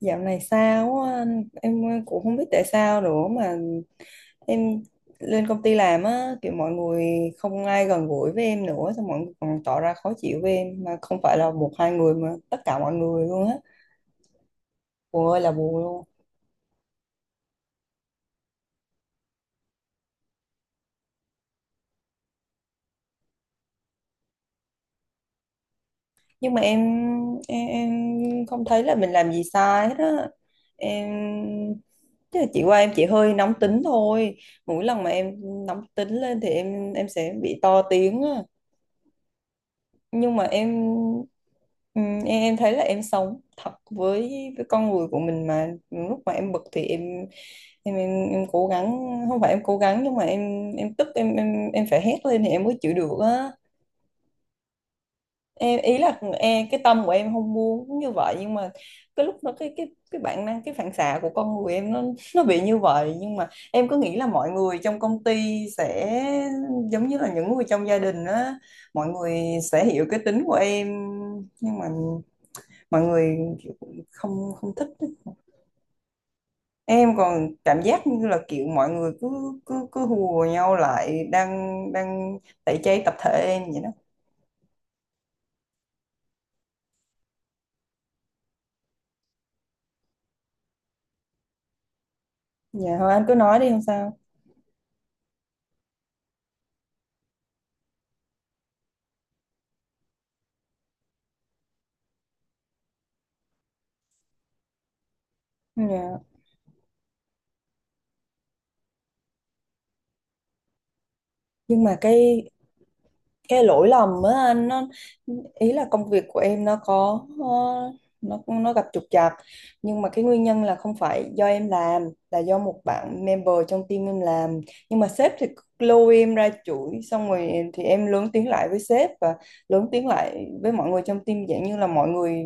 Dạo này sao á anh, em cũng không biết tại sao nữa mà em lên công ty làm á, kiểu mọi người không ai gần gũi với em nữa, xong mọi người còn tỏ ra khó chịu với em, mà không phải là một hai người mà tất cả mọi người luôn á, buồn ơi là buồn luôn. Nhưng mà em không thấy là mình làm gì sai hết á. Em tức là chị qua em chỉ hơi nóng tính thôi. Mỗi lần mà em nóng tính lên thì em sẽ bị to tiếng. Nhưng mà em, em thấy là em sống thật với con người của mình, mà lúc mà em bực thì em cố gắng, không phải em cố gắng, nhưng mà em tức, em phải hét lên thì em mới chịu được á. Em ý là em, cái tâm của em không muốn như vậy, nhưng mà cái lúc đó cái bản năng, cái phản xạ của con người em nó bị như vậy. Nhưng mà em cứ nghĩ là mọi người trong công ty sẽ giống như là những người trong gia đình á, mọi người sẽ hiểu cái tính của em. Nhưng mà mọi người kiểu không không thích á. Em còn cảm giác như là kiểu mọi người cứ cứ cứ hùa nhau lại, đang đang tẩy chay tập thể em vậy đó. Dạ thôi anh cứ nói đi không sao. Dạ, nhưng mà cái lỗi lầm á anh, nó ý là công việc của em nó có nó gặp trục trặc, nhưng mà cái nguyên nhân là không phải do em làm, là do một bạn member trong team em làm. Nhưng mà sếp thì lôi em ra chửi, xong rồi thì em lớn tiếng lại với sếp và lớn tiếng lại với mọi người trong team, dạng như là mọi người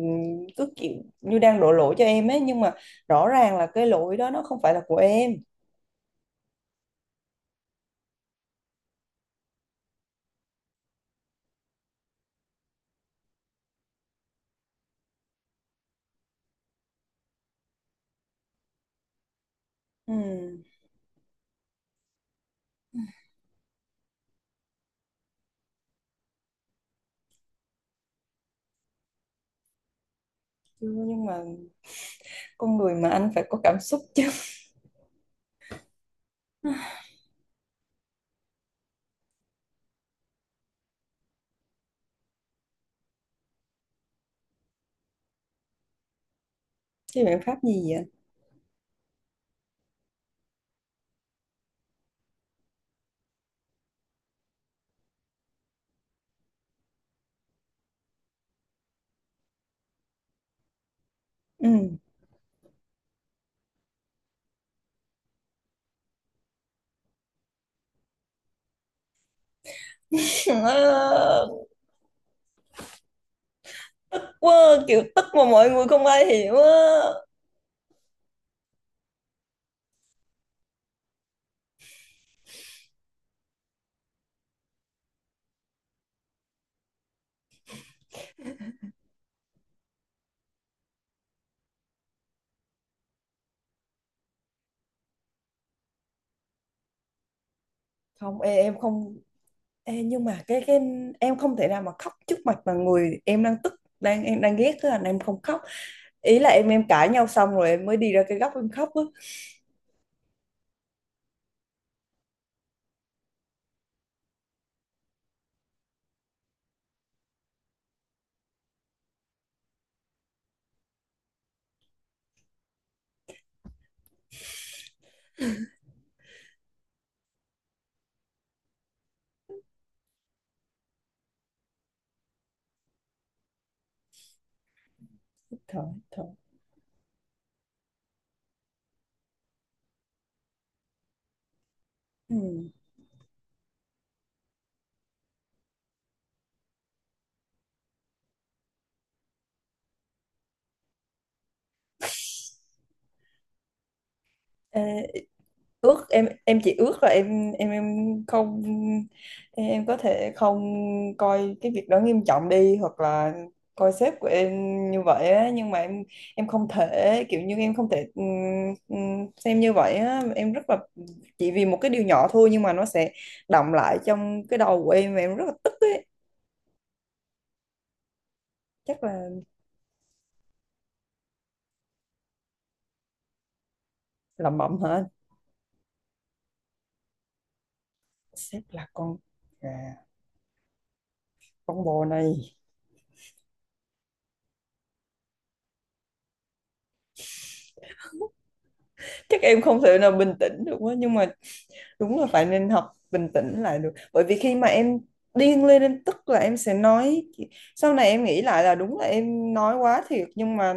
cứ kiểu như đang đổ lỗi cho em ấy, nhưng mà rõ ràng là cái lỗi đó nó không phải là của em. Ừ. Chưa, nhưng mà con người mà anh, phải có cảm xúc chứ. Chứ biện pháp gì vậy? Ừ. Trời ơi. Wow, kiểu tức mà mọi người không ai hiểu á. Không ê, em không, ê, nhưng mà cái em không thể nào mà khóc trước mặt mà người em đang tức, đang em đang ghét, cái anh em không khóc. Ý là em cãi nhau xong rồi em mới đi ra cái góc em khóc á. Thôi, thôi. Ừ. Ước, em chỉ ước là không, em có thể không coi cái việc đó nghiêm trọng đi, hoặc là coi sếp của em như vậy á. Nhưng mà em không thể, kiểu như em không thể, xem như vậy á. Em rất là, chỉ vì một cái điều nhỏ thôi nhưng mà nó sẽ đọng lại trong cái đầu của em và em rất là tức ấy. Chắc là làm bẩm hả? Sếp là con gà, con bò này. Chắc em không thể nào bình tĩnh được quá nhưng mà đúng là phải nên học bình tĩnh lại được, bởi vì khi mà em điên lên em tức là em sẽ nói. Sau này em nghĩ lại là đúng là em nói quá thiệt, nhưng mà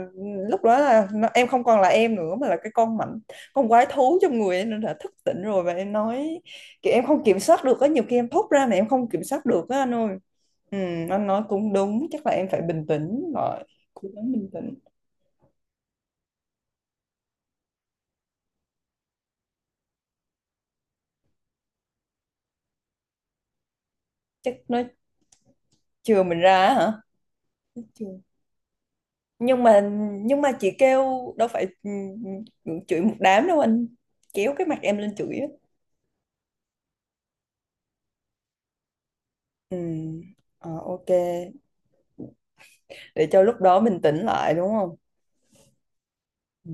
lúc đó là nó, em không còn là em nữa, mà là cái con mảnh, con quái thú trong người em đã thức tỉnh rồi và em nói kiểu em không kiểm soát được á. Nhiều khi em thốt ra mà em không kiểm soát được á anh ơi. Ừ, anh nói cũng đúng, chắc là em phải bình tĩnh rồi, cố gắng bình tĩnh. Chắc nó chừa mình ra á hả? Nó chừa, nhưng mà, nhưng mà chị kêu đâu phải, ừ, ừ, chửi một đám đâu anh, kéo cái mặt em lên chửi á. Ừ. Ờ, ok. Để cho lúc đó mình tỉnh lại đúng không? Ừ.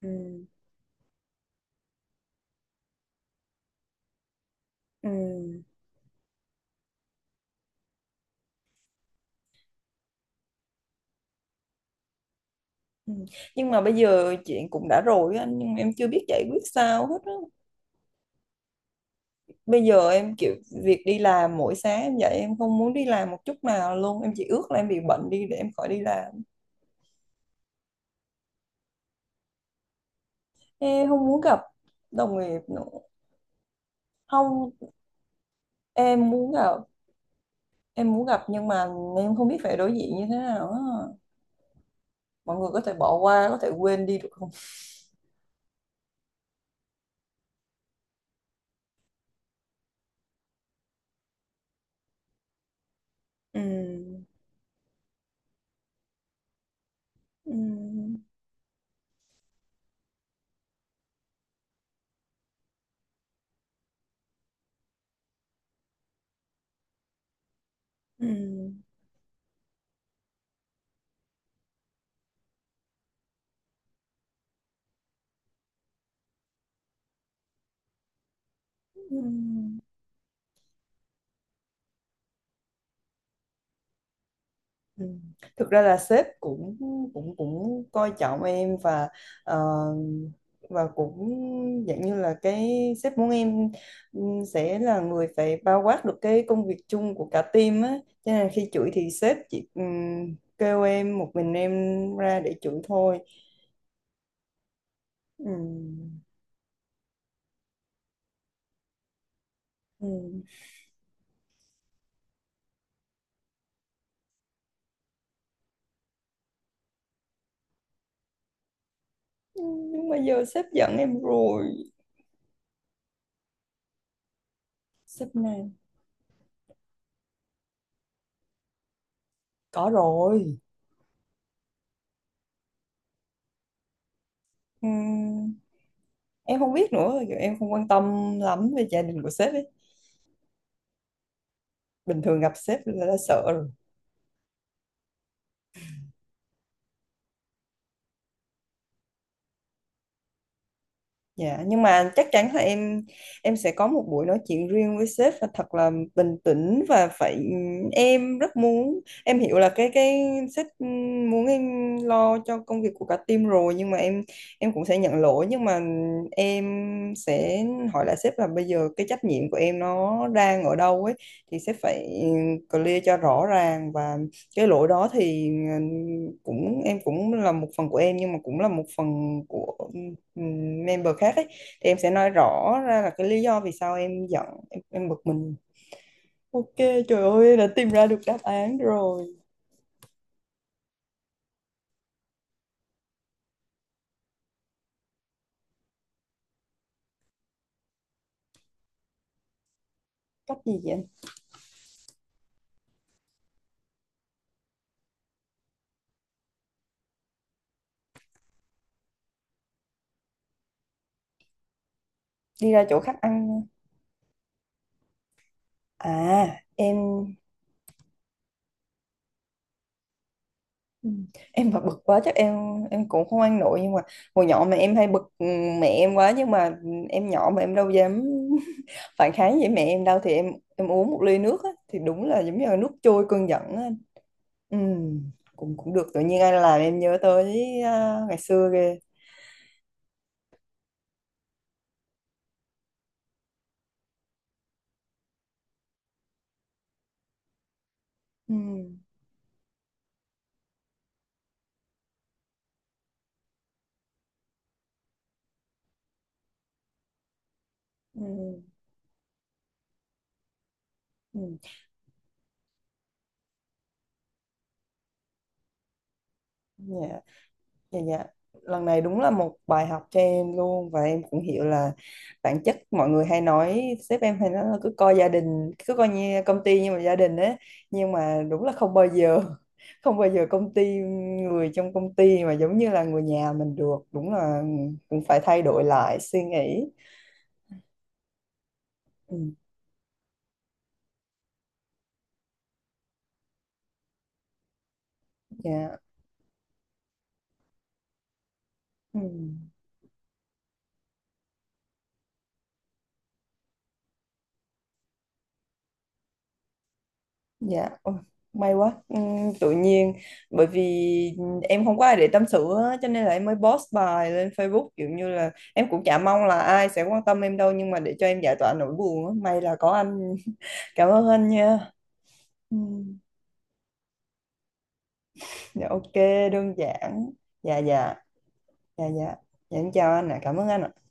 Ừ. Ừ. Ừ. Nhưng mà bây giờ chuyện cũng đã rồi á anh, nhưng mà em chưa biết giải quyết sao hết á. Bây giờ em kiểu, việc đi làm mỗi sáng em dậy em không muốn đi làm một chút nào luôn, em chỉ ước là em bị bệnh đi để em khỏi đi làm. Em không muốn gặp đồng nghiệp nữa. Không, em muốn gặp, nhưng mà em không biết phải đối diện như thế nào á. Mọi người có thể bỏ qua, có thể quên đi được không? Ừ. Ừ. Ừ. Ừ. Ừ. Thực ra là sếp cũng cũng cũng coi trọng em, và ờ, và cũng dạng như là cái, sếp muốn em, ừ, sẽ là người phải bao quát được cái công việc chung của cả team á, cho nên là khi chửi thì sếp chỉ, ừ, kêu em một mình em ra để chửi thôi. Ừ. Ừ. Ừ, nhưng mà giờ sếp giận em rồi. Sếp này có rồi. Ừ, em không biết nữa, giờ em không quan tâm lắm về gia đình của sếp ấy. Bình thường gặp sếp là đã sợ rồi. Dạ, nhưng mà chắc chắn là em sẽ có một buổi nói chuyện riêng với sếp và thật là bình tĩnh và phải, em rất muốn, em hiểu là cái sếp muốn em lo cho công việc của cả team rồi, nhưng mà em cũng sẽ nhận lỗi, nhưng mà em sẽ hỏi lại sếp là bây giờ cái trách nhiệm của em nó đang ở đâu ấy, thì sếp phải clear cho rõ ràng. Và cái lỗi đó thì, ờ, cũng em cũng là một phần của em, nhưng mà cũng là một phần của, member khác ấy. Thì em sẽ nói rõ ra là cái lý do vì sao em giận, em bực mình. Ok. Trời ơi, đã tìm ra được đáp án rồi. Cách gì vậy anh? Đi ra chỗ khách ăn. À em mà bực quá chắc em cũng không ăn nổi, nhưng mà hồi nhỏ mà em hay bực mẹ em quá, nhưng mà em nhỏ mà em đâu dám phản kháng với mẹ em đâu, thì em uống một ly nước á, thì đúng là giống như là nước trôi cơn giận á. Ừ, cũng cũng được, tự nhiên anh làm em nhớ tới à, ngày xưa ghê. Ừ, ừ, ừ. Dạ, dạ, dạ. Lần này đúng là một bài học cho em luôn, và em cũng hiểu là bản chất mọi người hay nói, sếp em hay nói là cứ coi gia đình, cứ coi như công ty như một gia đình ấy, nhưng mà đúng là không bao giờ, không bao giờ công ty, người trong công ty mà giống như là người nhà mình được. Đúng là cũng phải thay đổi lại suy nghĩ. Ừ, dạ, ừ. Dạ, ôi, may quá. Tự nhiên, bởi vì em không có ai để tâm sự á, cho nên là em mới post bài lên Facebook, kiểu như là em cũng chả mong là ai sẽ quan tâm em đâu, nhưng mà để cho em giải tỏa nỗi buồn á, may là có anh. Cảm ơn anh nha. Ừm, Dạ ok, đơn giản, dạ dạ, dạ dạ, dạ em chào anh ạ, cảm ơn anh ạ.